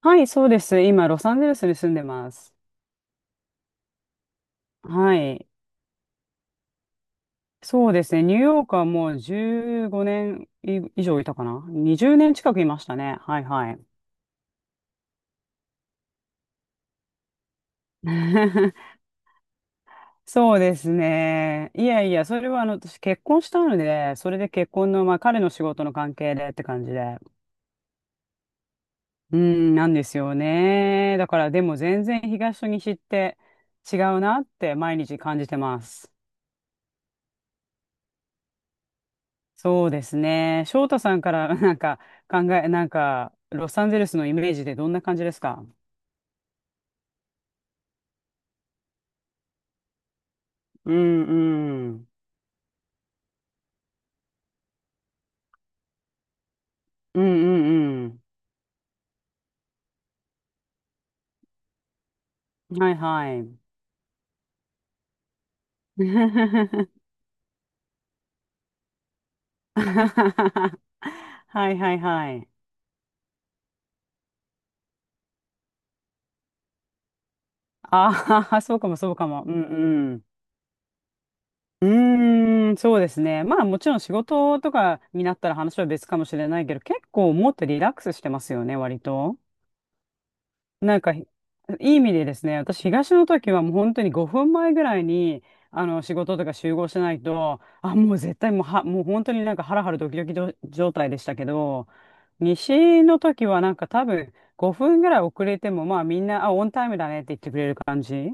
はい、そうです。今、ロサンゼルスに住んでます。はい。そうですね。ニューヨークはもう15年以上いたかな。20年近くいましたね。はいはい。そうですね。いやいや、それは私結婚したので、それで結婚の、まあ彼の仕事の関係でって感じで。うん、なんですよね。だからでも全然東と西って違うなって毎日感じてます。そうですね。翔太さんから なんか考え、なんか、ロサンゼルスのイメージでどんな感じですか？うんうん。うんうんうん。はいはい。はいはいはい。ああ、そうかもそうかも。うんうん。うーん、そうですね。まあもちろん仕事とかになったら話は別かもしれないけど、結構もっとリラックスしてますよね、割と。なんか、ひいい意味でですね、私、東の時はもう本当に5分前ぐらいに、仕事とか集合しないと、あ、もう絶対もう本当になんかハラハラドキドキ状態でしたけど、西の時はなんか多分5分ぐらい遅れても、まあみんな、あ、オンタイムだねって言ってくれる感じ。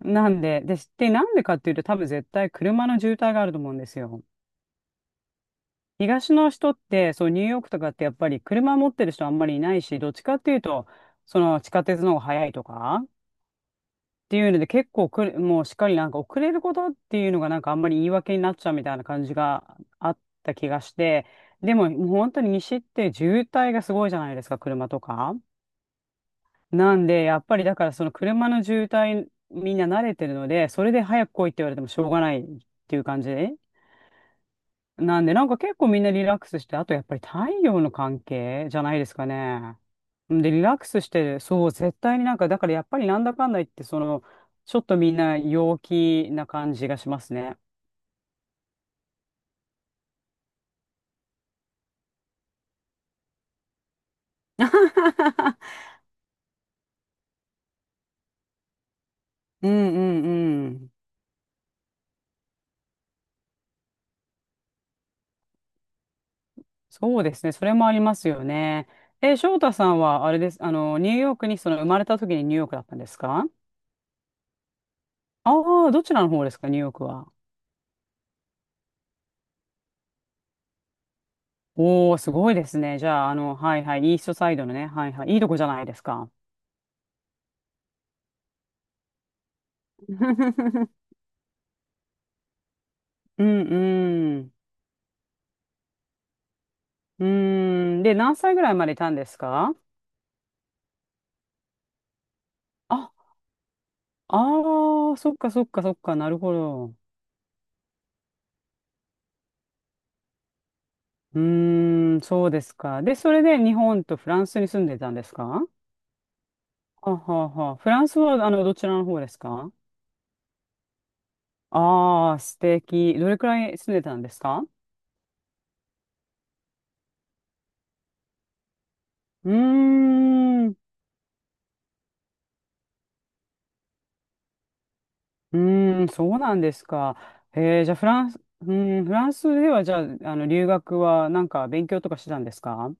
なんで、なんでかっていうと多分絶対車の渋滞があると思うんですよ。東の人って、そう、ニューヨークとかってやっぱり車持ってる人あんまりいないし、どっちかっていうと、その地下鉄の方が早いとか、っていうので結構遅れ、もうしっかりなんか遅れることっていうのがなんかあんまり言い訳になっちゃうみたいな感じがあった気がして、でももう本当に西って渋滞がすごいじゃないですか、車とか。なんで、やっぱりだからその車の渋滞みんな慣れてるので、それで早く来いって言われてもしょうがないっていう感じ。なんで、なんか結構みんなリラックスして、あとやっぱり太陽の関係じゃないですかね。で、リラックスして、そう、絶対になんか、だからやっぱりなんだかんだ言って、その、ちょっとみんな陽気な感じがしますね。うんうんうん。そうですね。それもありますよね。え、翔太さんは、あれです。ニューヨークに、生まれた時にニューヨークだったんですか？ああー、どちらの方ですか、ニューヨークは。おー、すごいですね。じゃあ、はいはい、イーストサイドのね、はいはい、いいとこじゃないですか。うんうん。うーん。で、何歳ぐらいまでいたんですか？あ、ああ、そっかそっかそっか、なるほど。うーん、そうですか。で、それで日本とフランスに住んでたんですか？はあはあはあ。フランスは、どちらの方ですか？ああー、素敵。どれくらい住んでたんですか？うーん。うーん、そうなんですか。へじゃあフランス、うーん、フランスでは、じゃあ、留学はなんか勉強とかしてたんですか？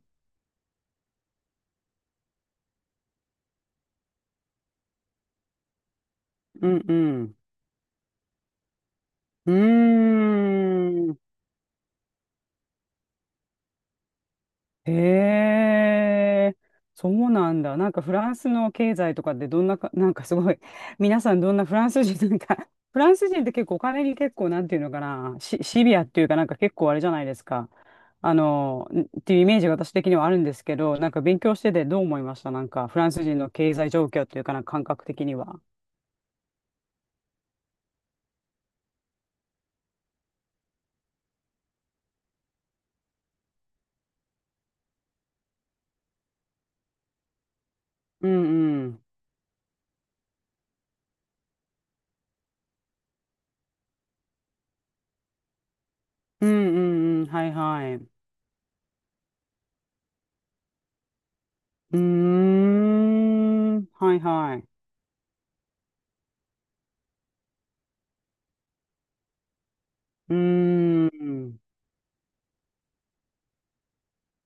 うんうん。うーん。へえ。そうなんだ。なんかフランスの経済とかってどんなか、なんかすごい、皆さんどんなフランス人、なんか、フランス人って結構お金に結構、なんていうのかな、シビアっていうかなんか結構あれじゃないですか。んっていうイメージが私的にはあるんですけど、なんか勉強しててどう思いました？なんかフランス人の経済状況っていうかなんか感覚的には。うんうん。うんうんうん。はいはい。うーん。はいはい。うーん。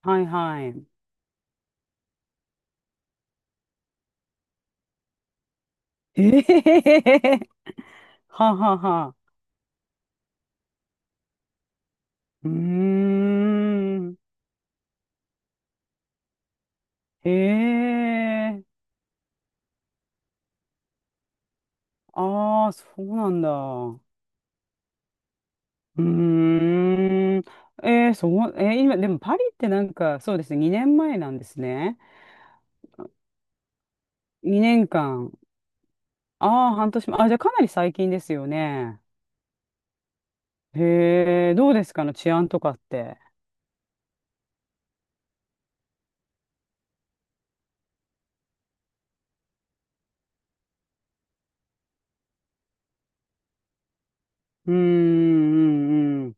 はいはい。ええへへへへはあはあはあ。うーん。ええああ、そうなんだ。うーん。そう、今、でもパリってなんか、そうですね、2年前なんですね。2年間。ああ、半年前。あ、じゃあかなり最近ですよね。へえ、どうですかの治安とかって。うーん、うん、うん。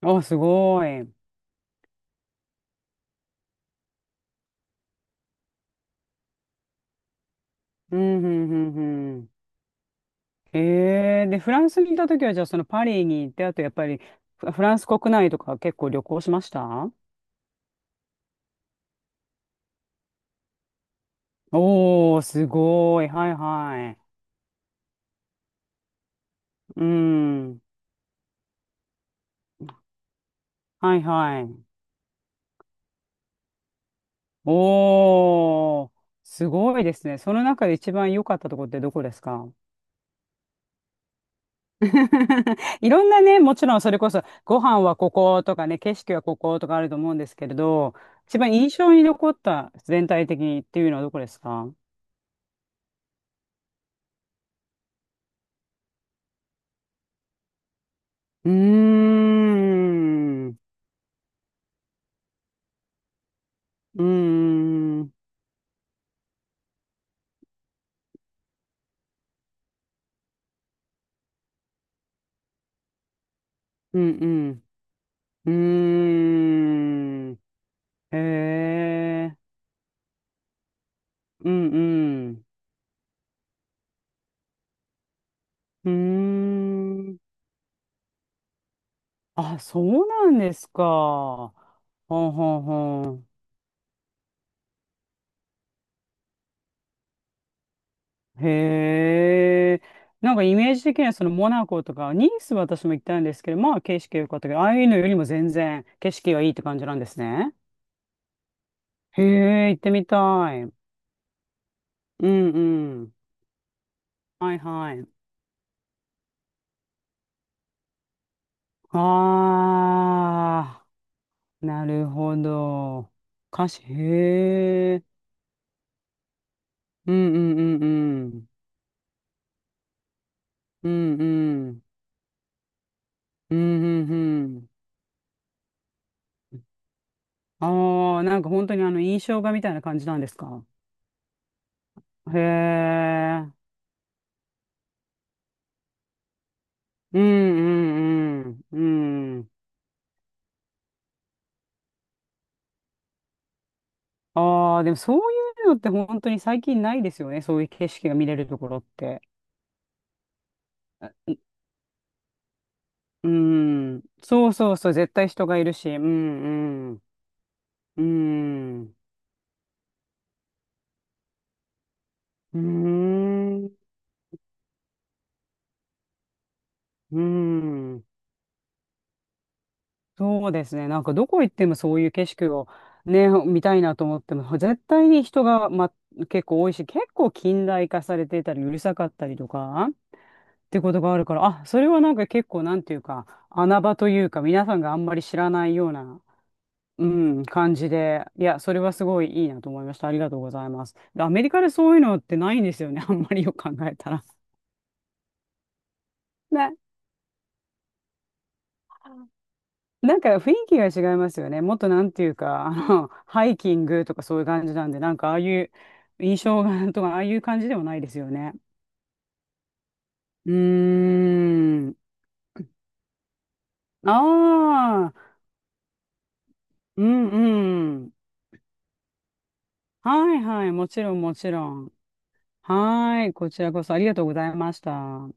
あ、すごい。うん、うん、うん、うん。で、フランスにいた時は、じゃあ、そのパリに行って、あと、やっぱり、フランス国内とか結構旅行しました？おー、すごい。はいはい。うん。はいはい。おー、すごいですね。その中で一番良かったところってどこですか？ いろんなね、もちろんそれこそ、ご飯はこことかね、景色はこことかあると思うんですけれど、一番印象に残った、全体的にっていうのはどこですか？うーん。うーん、うんうん、うーん、へえ、うんうん、うーん、あ、そうなんですか。ほんほんほん。へえ、なんかイメージ的にはそのモナコとか、ニースは私も行ったんですけど、まあ景色良かったけど、ああいうのよりも全然景色がいいって感じなんですね。へえ、行ってみたい。うんうん。はいはい。ああ。なるほど。歌詞、へえ。うんうんうんうん。うんうん。うんうんうん。ああ、なんか本当にあの印象画みたいな感じなんですか？へえ。うんうんうん。うん。ああ、でもそういうのって本当に最近ないですよね。そういう景色が見れるところって。あうん。そうそうそう。絶対人がいるし。うんうん。うん。うーん。うん。そうですね。なんかどこ行ってもそういう景色をね、見たいなと思っても、絶対に人が、ま、結構多いし、結構近代化されていたり、うるさかったりとか、ってことがあるから、あ、それはなんか結構なんていうか、穴場というか、皆さんがあんまり知らないような、うん、感じで、いや、それはすごいいいなと思いました。ありがとうございます。でアメリカでそういうのってないんですよね。あんまりよく考えたら。ね。なんか雰囲気が違いますよね。もっとなんていうか、ハイキングとかそういう感じなんで、なんかああいう印象が とか、ああいう感じでもないですよね。うーん。ああ、うんうん。はいはい、もちろんもちろん。はい、こちらこそありがとうございました。